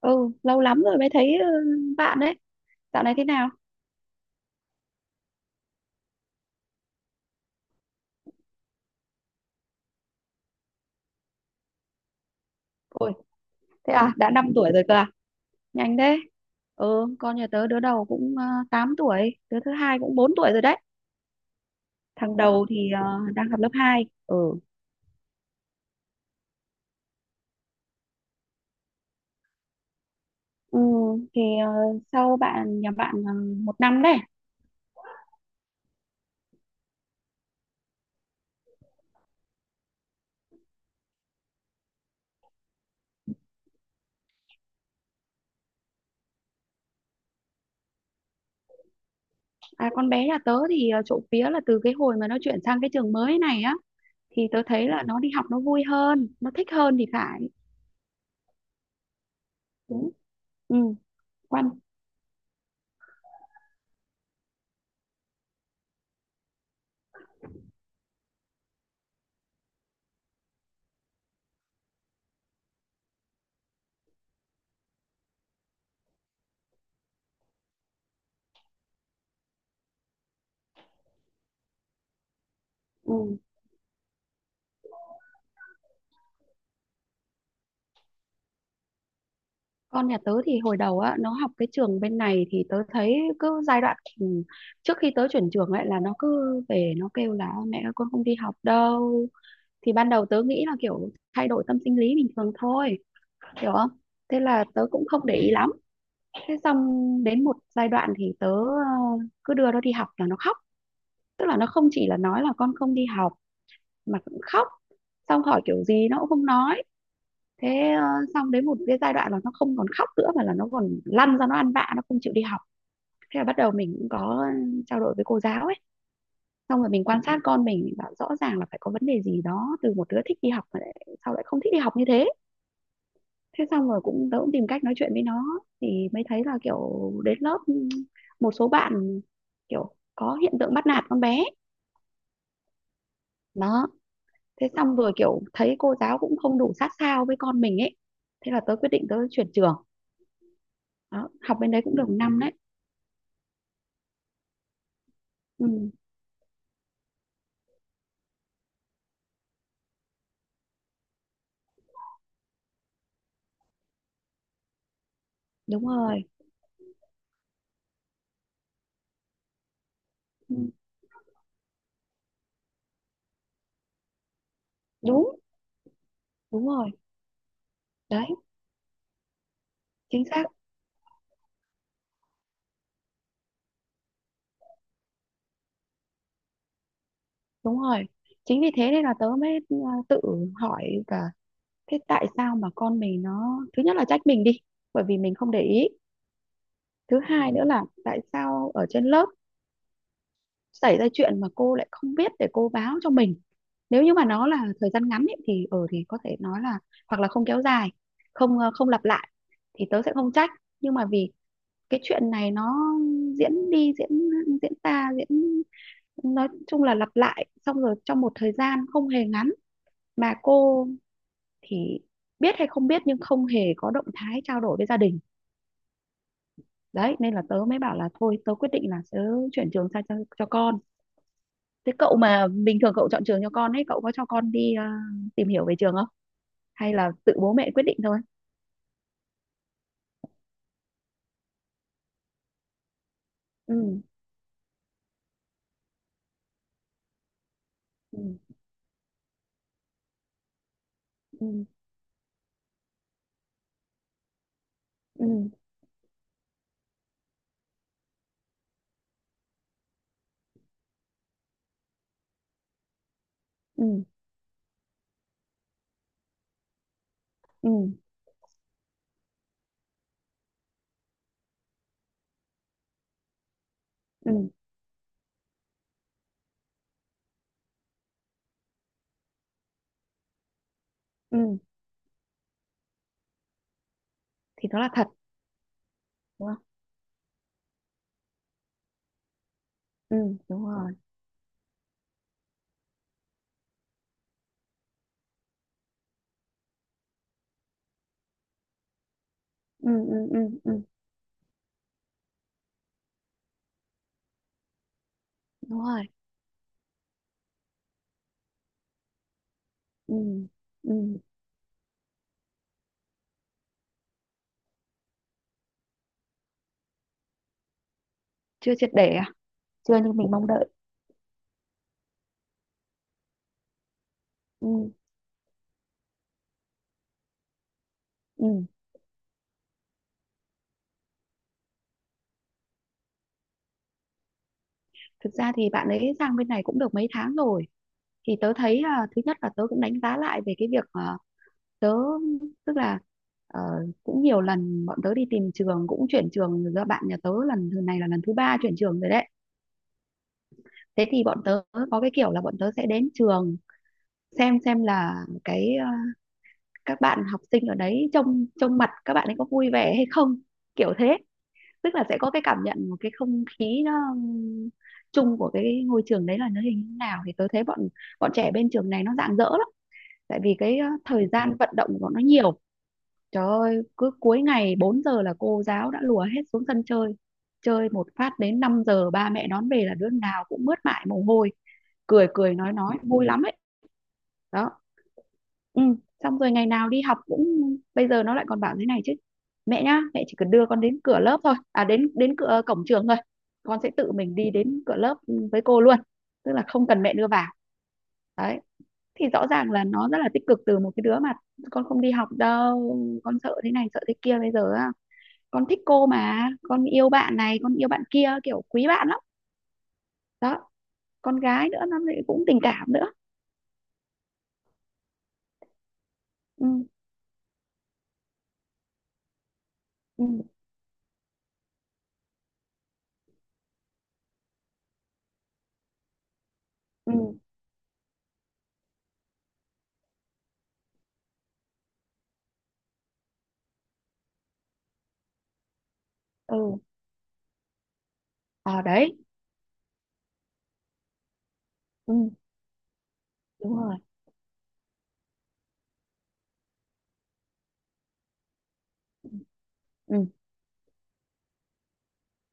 Ừ, lâu lắm rồi mới thấy bạn đấy. Dạo này thế nào? Ôi, thế à, đã 5 tuổi rồi cơ à? Nhanh thế. Ừ, con nhà tớ đứa đầu cũng 8 tuổi, đứa thứ hai cũng 4 tuổi rồi đấy. Thằng đầu thì đang học lớp 2. Ừ. Ừ, thì ờ, sau bạn, nhà bạn một năm đấy. À, con bé nhà tớ thì trộm vía là từ cái hồi mà nó chuyển sang cái trường mới này á, thì tớ thấy là nó đi học nó vui hơn, nó thích hơn thì phải. Đúng. Ừ. Quan. Ừ, con nhà tớ thì hồi đầu á, nó học cái trường bên này thì tớ thấy cứ giai đoạn trước khi tớ chuyển trường ấy, là nó cứ về nó kêu là: mẹ ơi con không đi học đâu. Thì ban đầu tớ nghĩ là kiểu thay đổi tâm sinh lý bình thường thôi. Hiểu không? Thế là tớ cũng không để ý lắm. Thế xong, đến một giai đoạn thì tớ cứ đưa nó đi học là nó khóc. Tức là nó không chỉ là nói là con không đi học mà cũng khóc. Xong hỏi kiểu gì nó cũng không nói. Thế xong đến một cái giai đoạn là nó không còn khóc nữa, mà là nó còn lăn ra nó ăn vạ, nó không chịu đi học. Thế là bắt đầu mình cũng có trao đổi với cô giáo ấy. Xong rồi mình quan sát con mình bảo rõ ràng là phải có vấn đề gì đó, từ một đứa thích đi học mà lại, sao lại không thích đi học như thế. Thế xong rồi cũng, tớ cũng tìm cách nói chuyện với nó, thì mới thấy là kiểu đến lớp, một số bạn kiểu có hiện tượng bắt nạt con bé. Đó. Thế xong rồi kiểu thấy cô giáo cũng không đủ sát sao với con mình ấy, thế là tớ quyết định tớ chuyển trường. Đó, học bên đấy cũng được một năm đấy. Ừ, đúng rồi. Ừ, đúng, đúng rồi. Đấy, chính xác, đúng rồi. Chính vì thế nên là tớ mới tự hỏi cả, thế tại sao mà con mình nó, thứ nhất là trách mình đi, bởi vì mình không để ý. Thứ hai nữa là tại sao ở trên lớp xảy ra chuyện mà cô lại không biết để cô báo cho mình. Nếu như mà nó là thời gian ngắn ấy, thì ở thì có thể nói là hoặc là không kéo dài, không không lặp lại, thì tớ sẽ không trách, nhưng mà vì cái chuyện này nó diễn đi diễn, diễn ra diễn, nói chung là lặp lại, xong rồi trong một thời gian không hề ngắn, mà cô thì biết hay không biết nhưng không hề có động thái trao đổi với gia đình. Đấy, nên là tớ mới bảo là thôi tớ quyết định là tớ chuyển trường sang cho con. Thế cậu mà bình thường cậu chọn trường cho con ấy, cậu có cho con đi tìm hiểu về trường không, hay là tự bố mẹ quyết định thôi? Ừ. Ừ. Ừ. Ừ. Ừ. Ừ. Ừ. Ừ. Thì đó là thật. Đúng không? Ừ. Đúng rồi. Ừ. Ừ. Ừ. Ừ. Đúng rồi. Ừ. Ừ. Chưa triệt để à? Chưa như mình mong đợi. Ừ. Ừ. Thực ra thì bạn ấy sang bên này cũng được mấy tháng rồi, thì tớ thấy, thứ nhất là tớ cũng đánh giá lại về cái việc, tớ tức là ờ, cũng nhiều lần bọn tớ đi tìm trường cũng chuyển trường rồi, do bạn nhà tớ lần thứ này là lần thứ ba chuyển trường rồi đấy. Thế thì bọn tớ có cái kiểu là bọn tớ sẽ đến trường, xem là cái, các bạn học sinh ở đấy, trông trông mặt các bạn ấy có vui vẻ hay không, kiểu thế. Tức là sẽ có cái cảm nhận một cái không khí nó chung của cái ngôi trường đấy là nó hình như nào, thì tôi thấy bọn bọn trẻ bên trường này nó rạng rỡ lắm. Tại vì cái thời gian vận động của bọn nó nhiều. Trời ơi, cứ cuối ngày 4 giờ là cô giáo đã lùa hết xuống sân chơi, chơi một phát đến 5 giờ ba mẹ đón về là đứa nào cũng mướt mải mồ hôi, cười cười nói vui lắm ấy. Đó. Ừ. Xong rồi ngày nào đi học cũng, bây giờ nó lại còn bảo thế này chứ: mẹ nhá, mẹ chỉ cần đưa con đến cửa lớp thôi, à, đến đến cửa cổng trường thôi, con sẽ tự mình đi đến cửa lớp với cô luôn, tức là không cần mẹ đưa vào. Đấy, thì rõ ràng là nó rất là tích cực, từ một cái đứa mà con không đi học đâu, con sợ thế này sợ thế kia, bây giờ á, con thích cô mà, con yêu bạn này con yêu bạn kia, kiểu quý bạn lắm. Đó. Con gái nữa nó lại cũng tình cảm nữa. Ừ. Ừ. Ừ. Ừ. ờ Đấy. Ừ. Đúng rồi. Ừ.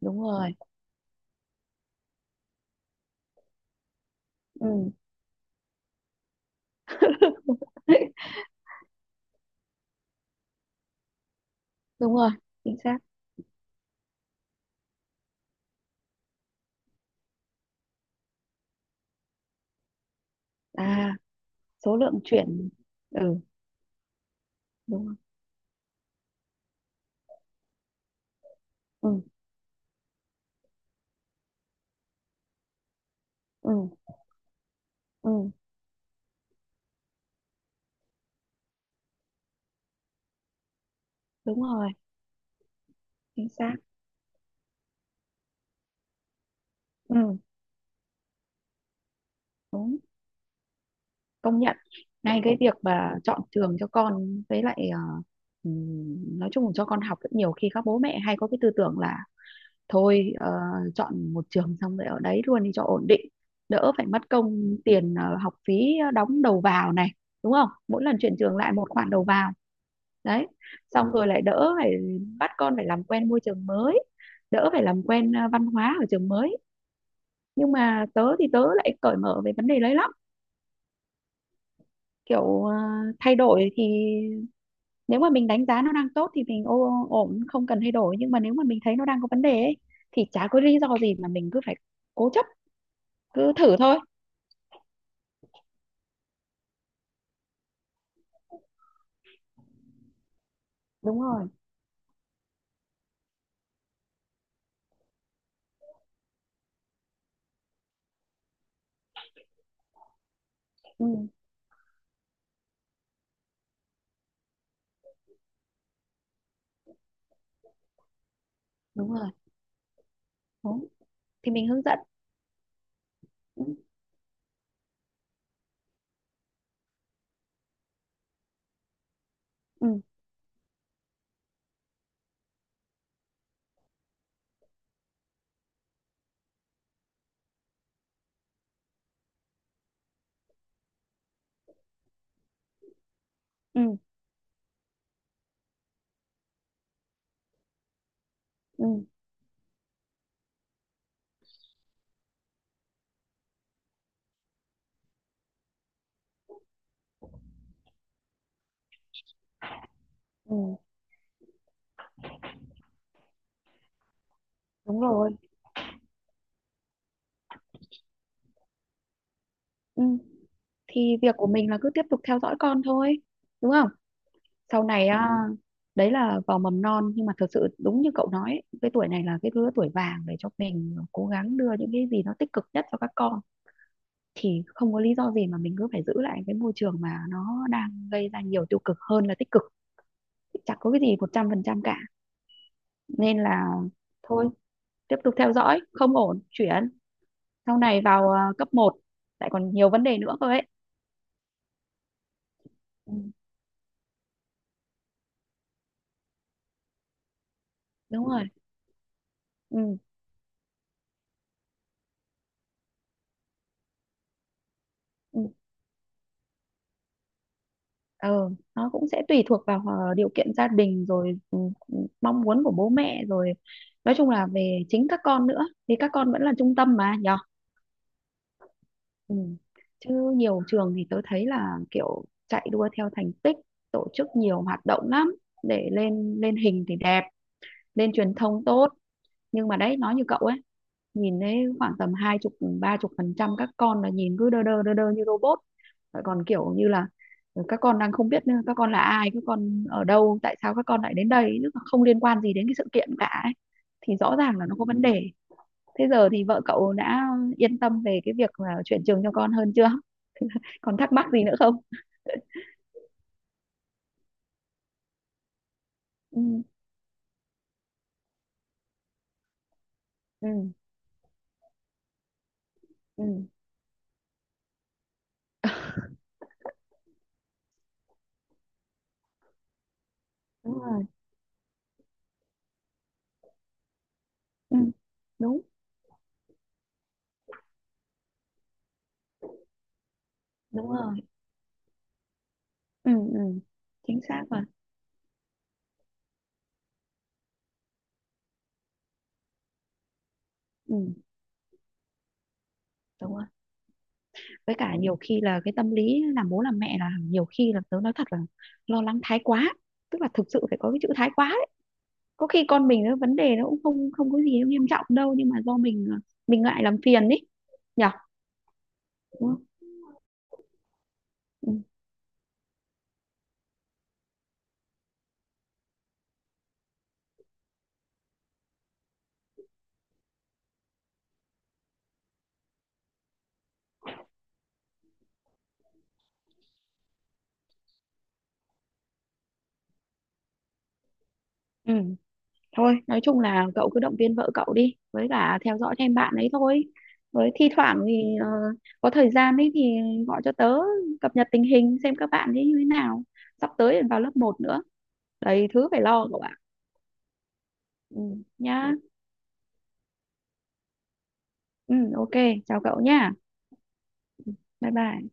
Đúng rồi. Ừ. Đúng rồi. Chính xác. À, số lượng chuyển. Ừ. Đúng rồi. Ừ. Ừ. Ừ. Đúng rồi. Chính xác. Ừ. Đúng. Công nhận. Ngay cái việc mà chọn trường cho con với lại nói chung là cho con học, rất nhiều khi các bố mẹ hay có cái tư tưởng là thôi, chọn một trường xong rồi ở đấy luôn đi cho ổn định, đỡ phải mất công tiền, học phí đóng đầu vào này, đúng không, mỗi lần chuyển trường lại một khoản đầu vào. Đấy, xong rồi lại đỡ phải bắt con phải làm quen môi trường mới, đỡ phải làm quen, văn hóa ở trường mới. Nhưng mà tớ thì tớ lại cởi mở về vấn đề đấy lắm. Kiểu, thay đổi thì, nếu mà mình đánh giá nó đang tốt thì mình ổn, không cần thay đổi, nhưng mà nếu mà mình thấy nó đang có vấn đề ấy, thì chả có lý do gì mà mình cứ phải cố chấp, cứ thử thôi. Đúng rồi. Ừ, đúng rồi. Đúng. Thì mình hướng dẫn. Ừ. Ừ. Ừ. Ừ. Đúng rồi. Ừ. Thì việc của mình là cứ tiếp tục theo dõi con thôi, đúng không? Sau này. Ừ. À, đấy là vào mầm non, nhưng mà thật sự đúng như cậu nói ấy, cái tuổi này là cái lứa tuổi vàng để cho mình cố gắng đưa những cái gì nó tích cực nhất cho các con, thì không có lý do gì mà mình cứ phải giữ lại cái môi trường mà nó đang gây ra nhiều tiêu cực hơn là tích cực. Chẳng có cái gì 100% cả. Nên là thôi, tiếp tục theo dõi không ổn chuyển. Sau này vào, cấp một lại còn nhiều vấn đề nữa cơ ấy. Ừ, đúng rồi. Ừ. Ừ. ờ nó cũng sẽ tùy thuộc vào điều kiện gia đình rồi, ừ, ừ, mong muốn của bố mẹ rồi, nói chung là về chính các con nữa, thì các con vẫn là trung tâm mà nhở. Ừ. Chứ nhiều trường thì tớ thấy là kiểu chạy đua theo thành tích, tổ chức nhiều hoạt động lắm, để lên lên hình thì đẹp, lên truyền thông tốt, nhưng mà đấy, nói như cậu ấy, nhìn thấy khoảng tầm hai chục, ba chục phần trăm các con là nhìn cứ đơ đơ đơ đơ như robot. Lại còn kiểu như là, các con đang không biết các con là ai, các con ở đâu, tại sao các con lại đến đây, chứ không liên quan gì đến cái sự kiện cả ấy. Thì rõ ràng là nó có vấn đề. Thế giờ thì vợ cậu đã yên tâm về cái việc là chuyển trường cho con hơn chưa? Còn thắc mắc gì nữa không? Ừ. Ừ. Ừ. Đúng rồi. Ừ. Đúng, đúng rồi. Ừ. Ừ. Chính xác rồi. Ừ. Đúng rồi. Với cả nhiều khi là cái tâm lý làm bố làm mẹ là, nhiều khi là tớ nói thật là lo lắng thái quá, tức là thực sự phải có cái chữ thái quá đấy. Có khi con mình nó vấn đề nó cũng không, không có gì nghiêm trọng đâu, nhưng mà do mình mình ngại làm phiền ấy, nhở. Đúng không? Ừ. Ừ. Thôi, nói chung là cậu cứ động viên vợ cậu đi với cả theo dõi thêm bạn ấy thôi, với thi thoảng thì có thời gian ấy thì gọi cho tớ, cập nhật tình hình xem các bạn ấy như thế nào, sắp tới vào lớp một nữa, đầy thứ phải lo cậu ạ. Ừ. Nhá. Ừ, ok, chào cậu nha. Bye bye.